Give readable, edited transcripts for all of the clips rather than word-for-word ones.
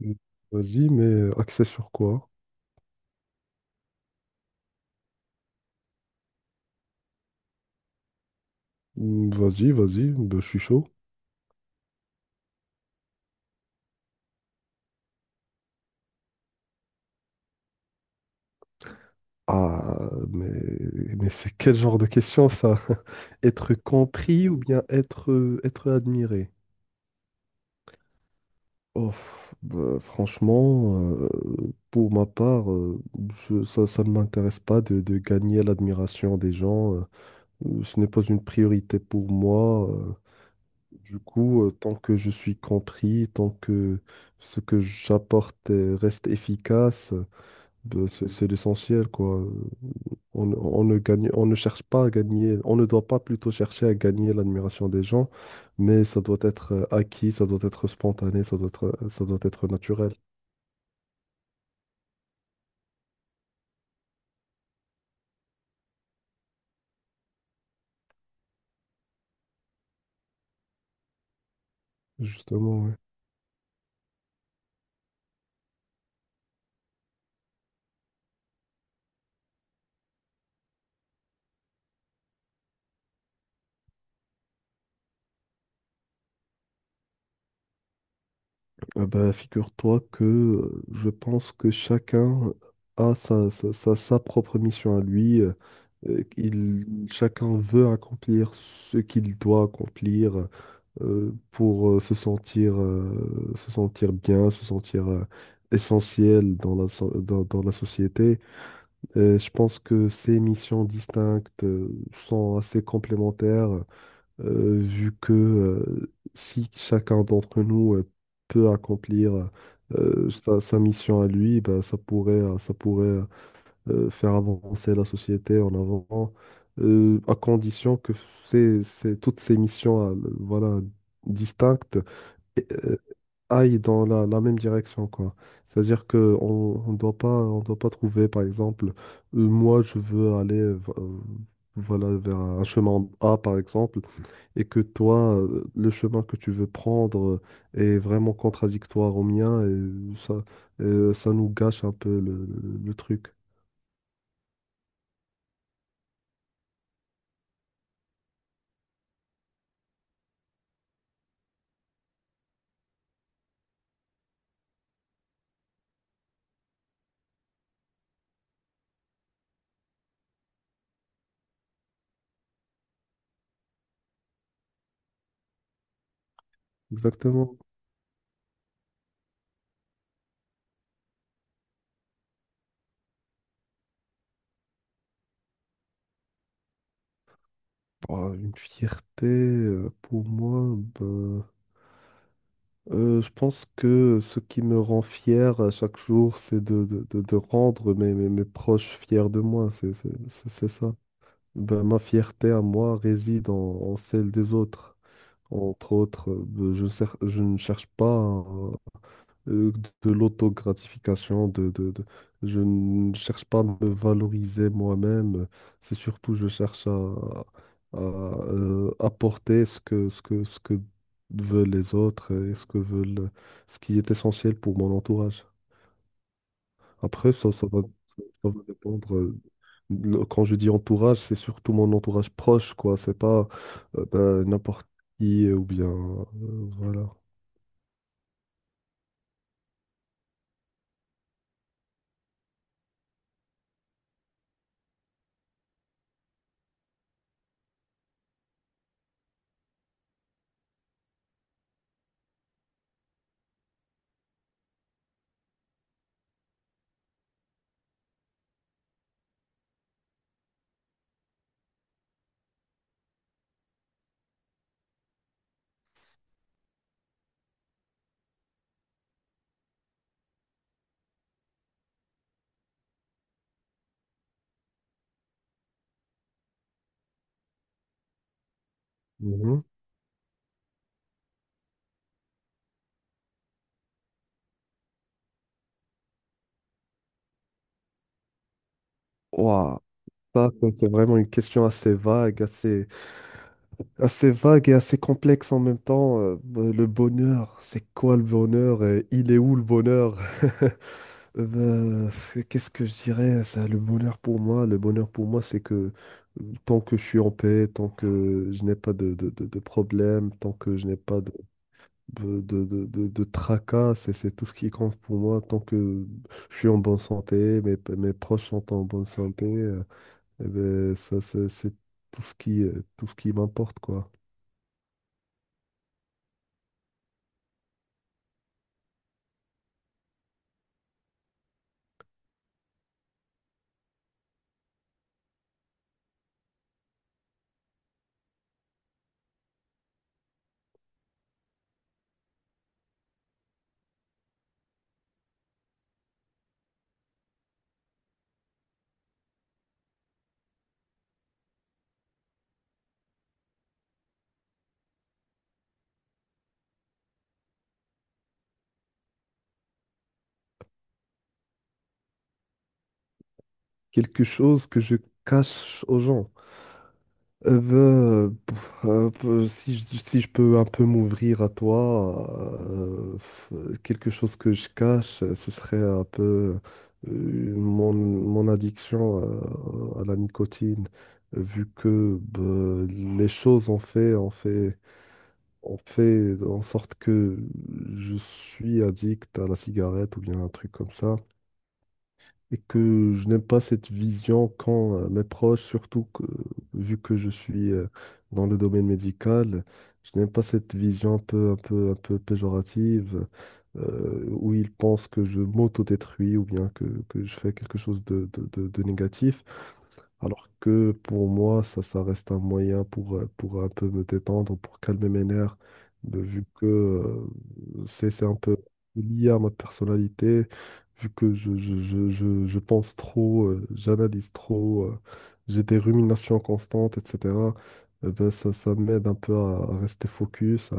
Mm. Vas-y, mais axé sur quoi? Mm, vas-y, vas-y, ben, je suis chaud. Ah, mais c'est quel genre de question ça? Être compris ou bien être, être admiré? Oh, bah, franchement, pour ma part, ça, ça ne m'intéresse pas de gagner l'admiration des gens. Ce n'est pas une priorité pour moi. Du coup, tant que je suis compris, tant que ce que j'apporte reste efficace. Ben, c'est l'essentiel, quoi. On ne cherche pas à gagner, on ne doit pas plutôt chercher à gagner l'admiration des gens, mais ça doit être acquis, ça doit être spontané, ça doit être naturel. Justement, oui. Ah ben, figure-toi que je pense que chacun a sa propre mission à lui. Chacun veut accomplir ce qu'il doit accomplir. Pour se sentir bien, se sentir essentiel dans dans, dans la société. Je pense que ces missions distinctes sont assez complémentaires, vu que si chacun d'entre nous peut accomplir sa, sa mission à lui. Ben, ça pourrait faire avancer la société en avant. À condition que toutes ces missions voilà, distinctes euh, aille dans la, la même direction, quoi. C'est-à-dire que on doit pas trouver, par exemple, moi, je veux aller, voilà, vers un chemin A, par exemple, et que toi, le chemin que tu veux prendre est vraiment contradictoire au mien, et ça, ça nous gâche un peu le, le truc. Exactement. Bah, une fierté, pour moi, bah, je pense que ce qui me rend fier à chaque jour, c'est de rendre mes, mes, mes proches fiers de moi. C'est ça. Ben, ma fierté à moi réside en, en celle des autres. Entre autres, je ne cherche pas euh, de l'autogratification, je ne cherche pas à me valoriser moi-même, c'est surtout je cherche apporter ce que, ce que veulent les autres et ce que veulent, ce qui est essentiel pour mon entourage. Après, ça, ça va dépendre. Quand je dis entourage, c'est surtout mon entourage proche, quoi. C'est pas ben, n'importe qui ou bien voilà. Mhm. Ouah, ça, c'est vraiment une question assez vague, assez, assez vague et assez complexe en même temps. Le bonheur, c'est quoi le bonheur et il est où le bonheur? Euh, ben, qu'est-ce que je dirais, ça, le bonheur pour moi? Le bonheur pour moi, c'est que tant que je suis en paix, tant que je n'ai pas de problème, tant que je n'ai pas de tracas. C'est tout ce qui compte pour moi. Tant que je suis en bonne santé, mes, mes proches sont en bonne santé. Eh ben, ça, c'est tout ce qui m'importe, quoi. Quelque chose que je cache aux gens. Eh ben, si je, si je peux un peu m'ouvrir à toi, quelque chose que je cache, ce serait un peu mon, mon addiction à la nicotine, vu que ben, les choses ont fait en sorte que je suis addict à la cigarette ou bien un truc comme ça, et que je n'aime pas cette vision quand mes proches, surtout que, vu que je suis dans le domaine médical, je n'aime pas cette vision un peu péjorative où ils pensent que je m'auto-détruis ou bien que je fais quelque chose de négatif. Alors que pour moi, ça reste un moyen pour un peu me détendre, pour calmer mes nerfs, vu que c'est un peu lié à ma personnalité, vu que je pense trop, j'analyse trop, j'ai des ruminations constantes, etc. Eh ben, ça m'aide un peu à rester focus,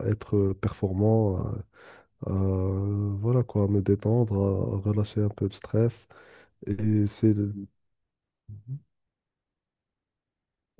à être performant, à, voilà quoi, à me détendre, à relâcher un peu le stress. Et c'est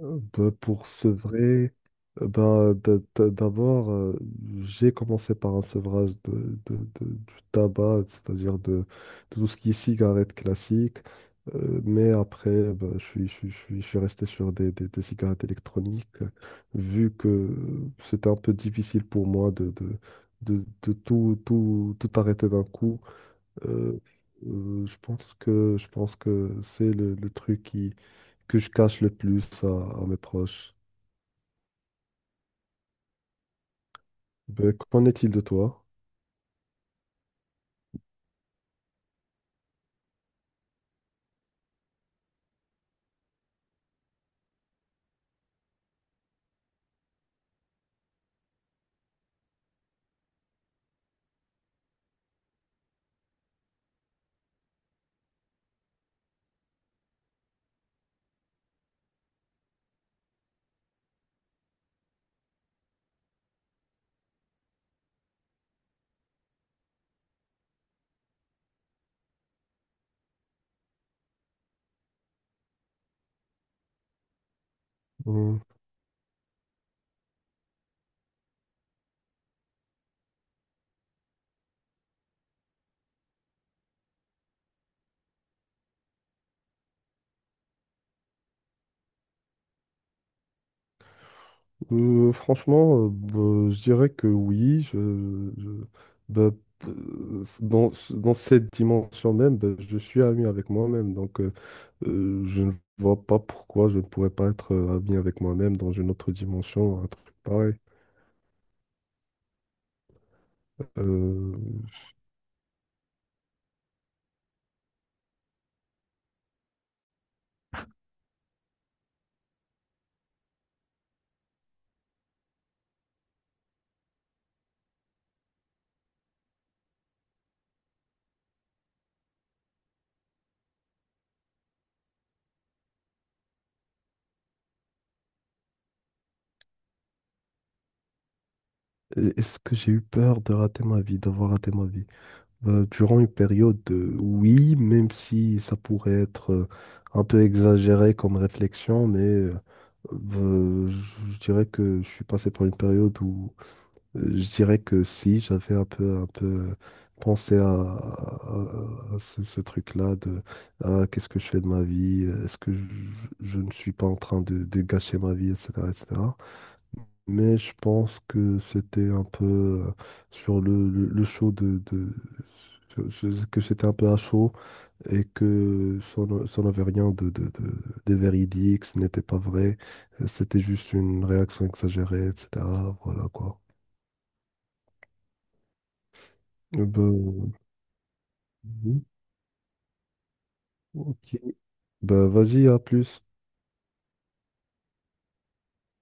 Bah, pour sevrer, bah, d'abord, j'ai commencé par un sevrage de- du tabac, c'est-à-dire de tout ce qui est cigarette classique. Mais après, bah, je suis resté sur des, des cigarettes électroniques, vu que c'était un peu difficile pour moi de tout arrêter d'un coup. Euh, je pense que c'est le truc qui que je cache le plus à mes proches. Ben, qu'en est-il de toi? Euh, franchement, ben, je dirais que oui. Ben, dans, dans cette dimension même, ben, je suis ami avec moi-même. Donc, je ne vois pas pourquoi je ne pourrais pas être ami avec moi-même dans une autre dimension, un truc pareil. Euh, est-ce que j'ai eu peur de rater ma vie, d'avoir raté ma vie? Durant une période, oui, même si ça pourrait être un peu exagéré comme réflexion, mais je dirais que je suis passé par une période où je dirais que si, j'avais un peu pensé à, à ce, ce truc-là de ah, qu'est-ce que je fais de ma vie, est-ce que je ne suis pas en train de gâcher ma vie, etc., etc. Mais je pense que c'était un peu sur le show que c'était un peu à chaud et que ça n'avait rien de véridique, ce n'était pas vrai, c'était juste une réaction exagérée, etc. Voilà quoi. Euh, Ben, mhm. Ok. Ben, vas-y, à plus.